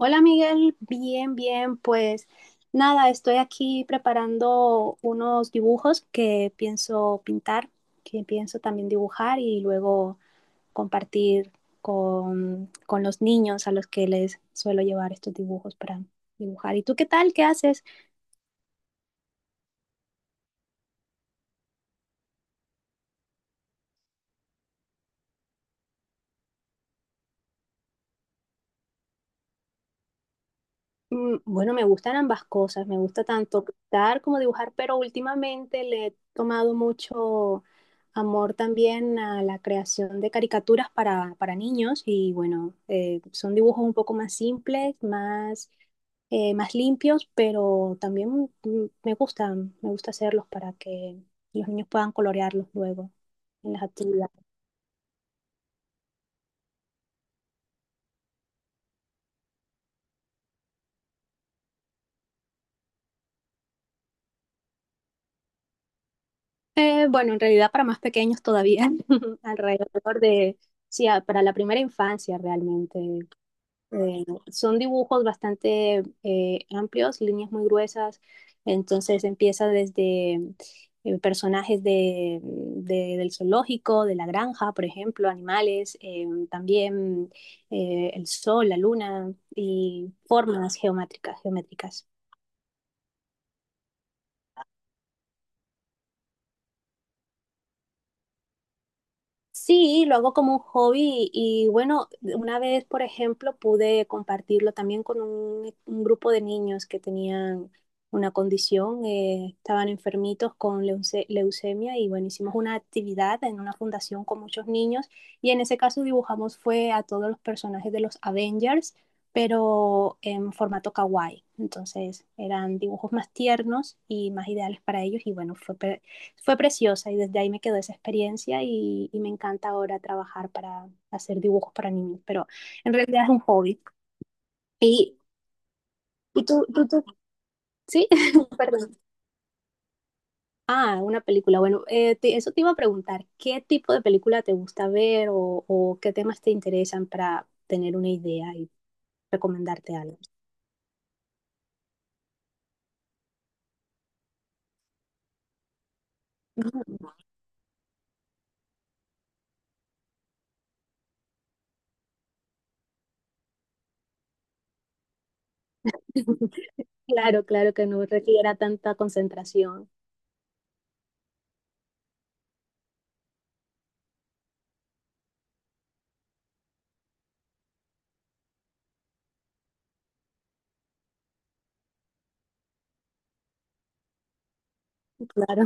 Hola Miguel, bien, bien, pues nada, estoy aquí preparando unos dibujos que pienso pintar, que pienso también dibujar y luego compartir con los niños a los que les suelo llevar estos dibujos para dibujar. ¿Y tú qué tal? ¿Qué haces? Bueno, me gustan ambas cosas, me gusta tanto pintar como dibujar, pero últimamente le he tomado mucho amor también a la creación de caricaturas para niños y bueno, son dibujos un poco más simples, más, más limpios, pero también me gustan, me gusta hacerlos para que los niños puedan colorearlos luego en las actividades. Bueno, en realidad para más pequeños todavía, alrededor de, sí, para la primera infancia realmente. Eh, son dibujos bastante amplios, líneas muy gruesas, entonces empieza desde personajes del zoológico, de la granja, por ejemplo, animales, también el sol, la luna y formas geométricas, geométricas. Sí, lo hago como un hobby y bueno, una vez, por ejemplo, pude compartirlo también con un grupo de niños que tenían una condición, estaban enfermitos con leucemia y bueno, hicimos una actividad en una fundación con muchos niños y en ese caso dibujamos fue a todos los personajes de los Avengers, pero en formato kawaii. Entonces eran dibujos más tiernos y más ideales para ellos y bueno, fue preciosa y desde ahí me quedó esa experiencia y me encanta ahora trabajar para hacer dibujos para niños, pero en realidad es un hobby. Y, y tú, tú, tú, sí, perdón. Ah, una película. Bueno, eso te iba a preguntar, ¿qué tipo de película te gusta ver o qué temas te interesan para tener una idea y recomendarte algo? Claro, claro que no requiera tanta concentración. Claro,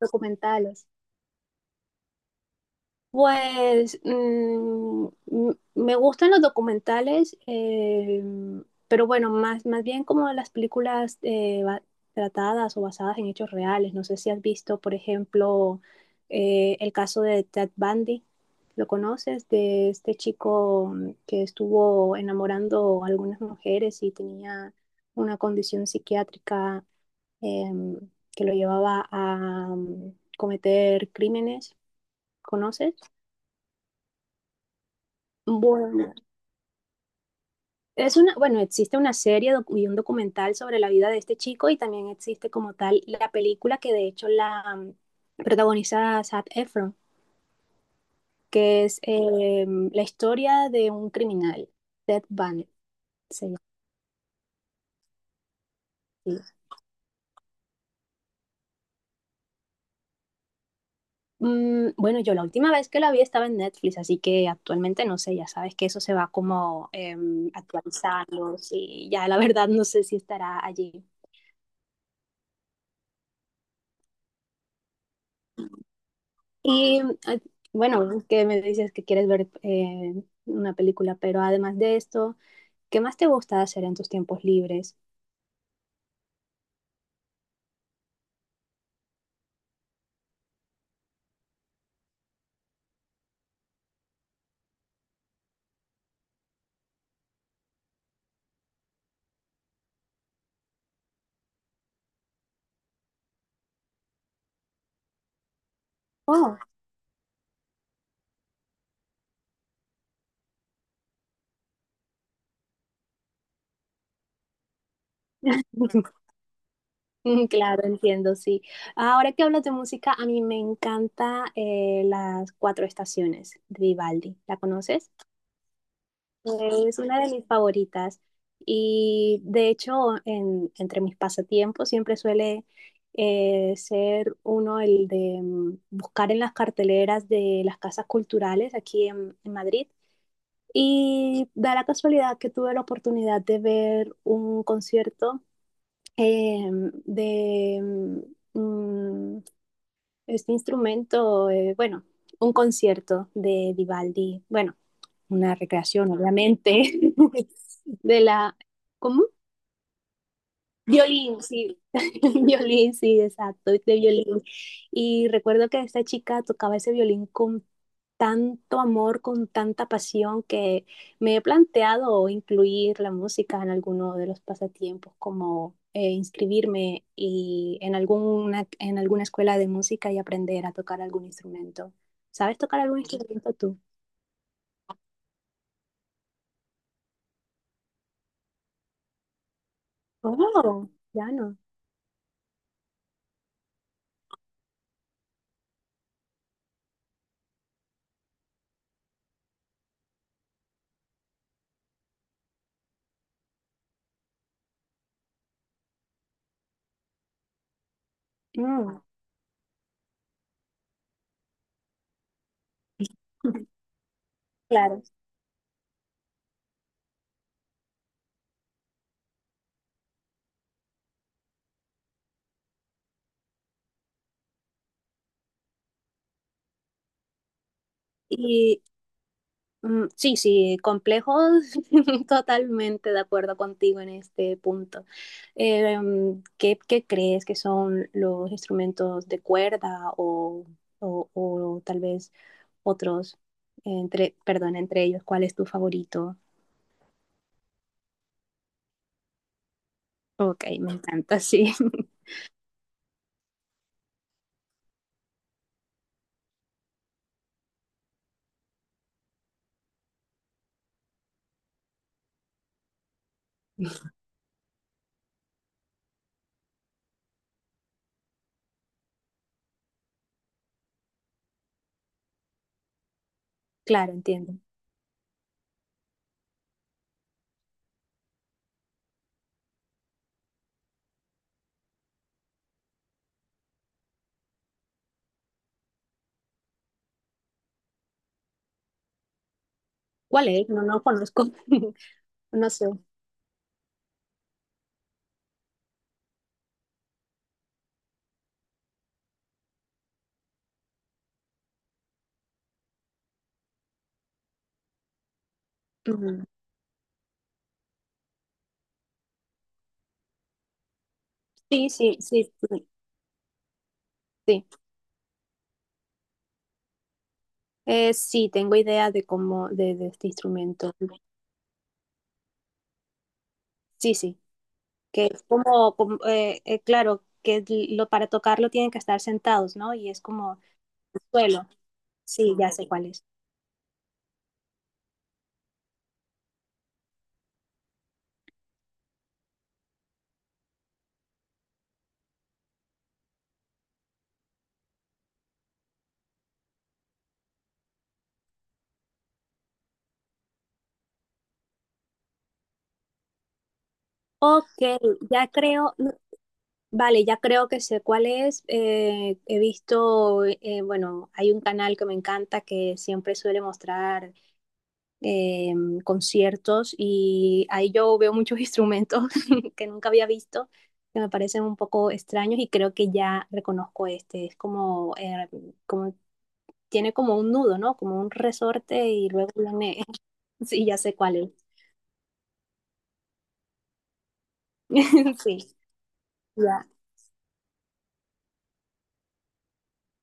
documentales. Pues me gustan los documentales, pero bueno, más, más bien como las películas tratadas o basadas en hechos reales. No sé si has visto, por ejemplo, el caso de Ted Bundy. ¿Lo conoces? De este chico que estuvo enamorando a algunas mujeres y tenía una condición psiquiátrica, em, que lo llevaba a mm, cometer crímenes. ¿Conoces? Bueno, es una, bueno, existe una serie y un documental sobre la vida de este chico y también existe como tal la película que de hecho la protagoniza Zac Efron, que es la historia de un criminal, Ted Bundy se llama así. Bueno, yo la última vez que la vi estaba en Netflix, así que actualmente no sé, ya sabes que eso se va como actualizando, sí, ya la verdad no sé si estará allí. Y ah, bueno, que me dices que quieres ver una película, pero además de esto, ¿qué más te gusta hacer en tus tiempos libres? Oh, mm, claro, entiendo, sí. Ahora que hablas de música, a mí me encanta las cuatro estaciones de Vivaldi. ¿La conoces? Eh, Es una de mis favoritas. Y de hecho, entre mis pasatiempos siempre suele ser uno el de buscar en las carteleras de las casas culturales aquí en Madrid. Y da la casualidad que tuve la oportunidad de ver un concierto eh, de mm, mm, este instrumento, bueno, un concierto de Vivaldi. Bueno, una recreación, obviamente, de la, ¿cómo? Violín, sí, violín, sí, exacto, de violín. Y recuerdo que esta chica tocaba ese violín con tanto amor, con tanta pasión, que me he planteado incluir la música en alguno de los pasatiempos, como inscribirme y en alguna escuela de música y aprender a tocar algún instrumento. ¿Sabes tocar algún instrumento tú? Oh, ya no. Mm. Claro. Y sí, sí, complejo, totalmente de acuerdo contigo en este punto. ¿Qué, qué crees que son los instrumentos de cuerda o, o tal vez otros, entre, perdón, entre ellos, ¿cuál es tu favorito? Ok, me encanta, sí. Claro, entiendo. ¿Cuál es? No, no conozco. No sé. Ujú. Sí, sí, sí, sí. Sí, tengo idea de cómo, de este instrumento. Sí, sí, que es como, como, claro, que lo, para tocarlo tienen que estar sentados, ¿no? Y es como suelo. Sí, ya sé cuál es. Ok, ya creo, vale, ya creo que sé cuál es. He visto, bueno, hay un canal que me encanta que siempre suele mostrar eh, conciertos y ahí yo veo muchos instrumentos que nunca había visto, que me parecen un poco extraños y creo que ya reconozco este, es como, como tiene como un nudo, ¿no? Como un resorte y luego lo sí, ya sé cuál es. Sí, ya.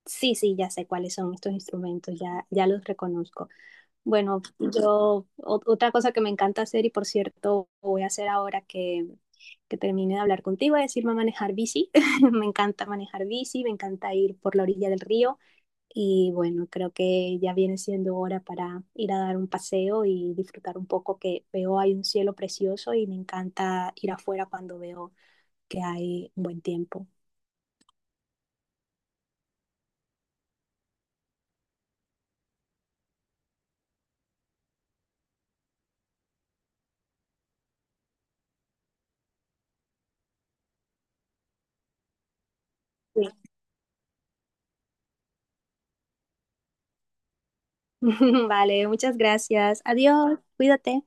Sí, sí, ya sé cuáles son estos instrumentos, ya, ya los reconozco. Bueno, yo otra cosa que me encanta hacer y por cierto voy a hacer ahora que termine de hablar contigo es irme a manejar bici. Me encanta manejar bici, me encanta ir por la orilla del río y bueno, creo que ya viene siendo hora para ir a dar un paseo y disfrutar un poco que veo hay un cielo precioso y me encanta ir afuera cuando veo que hay un buen tiempo. Sí. Vale, muchas gracias. Adiós, cuídate.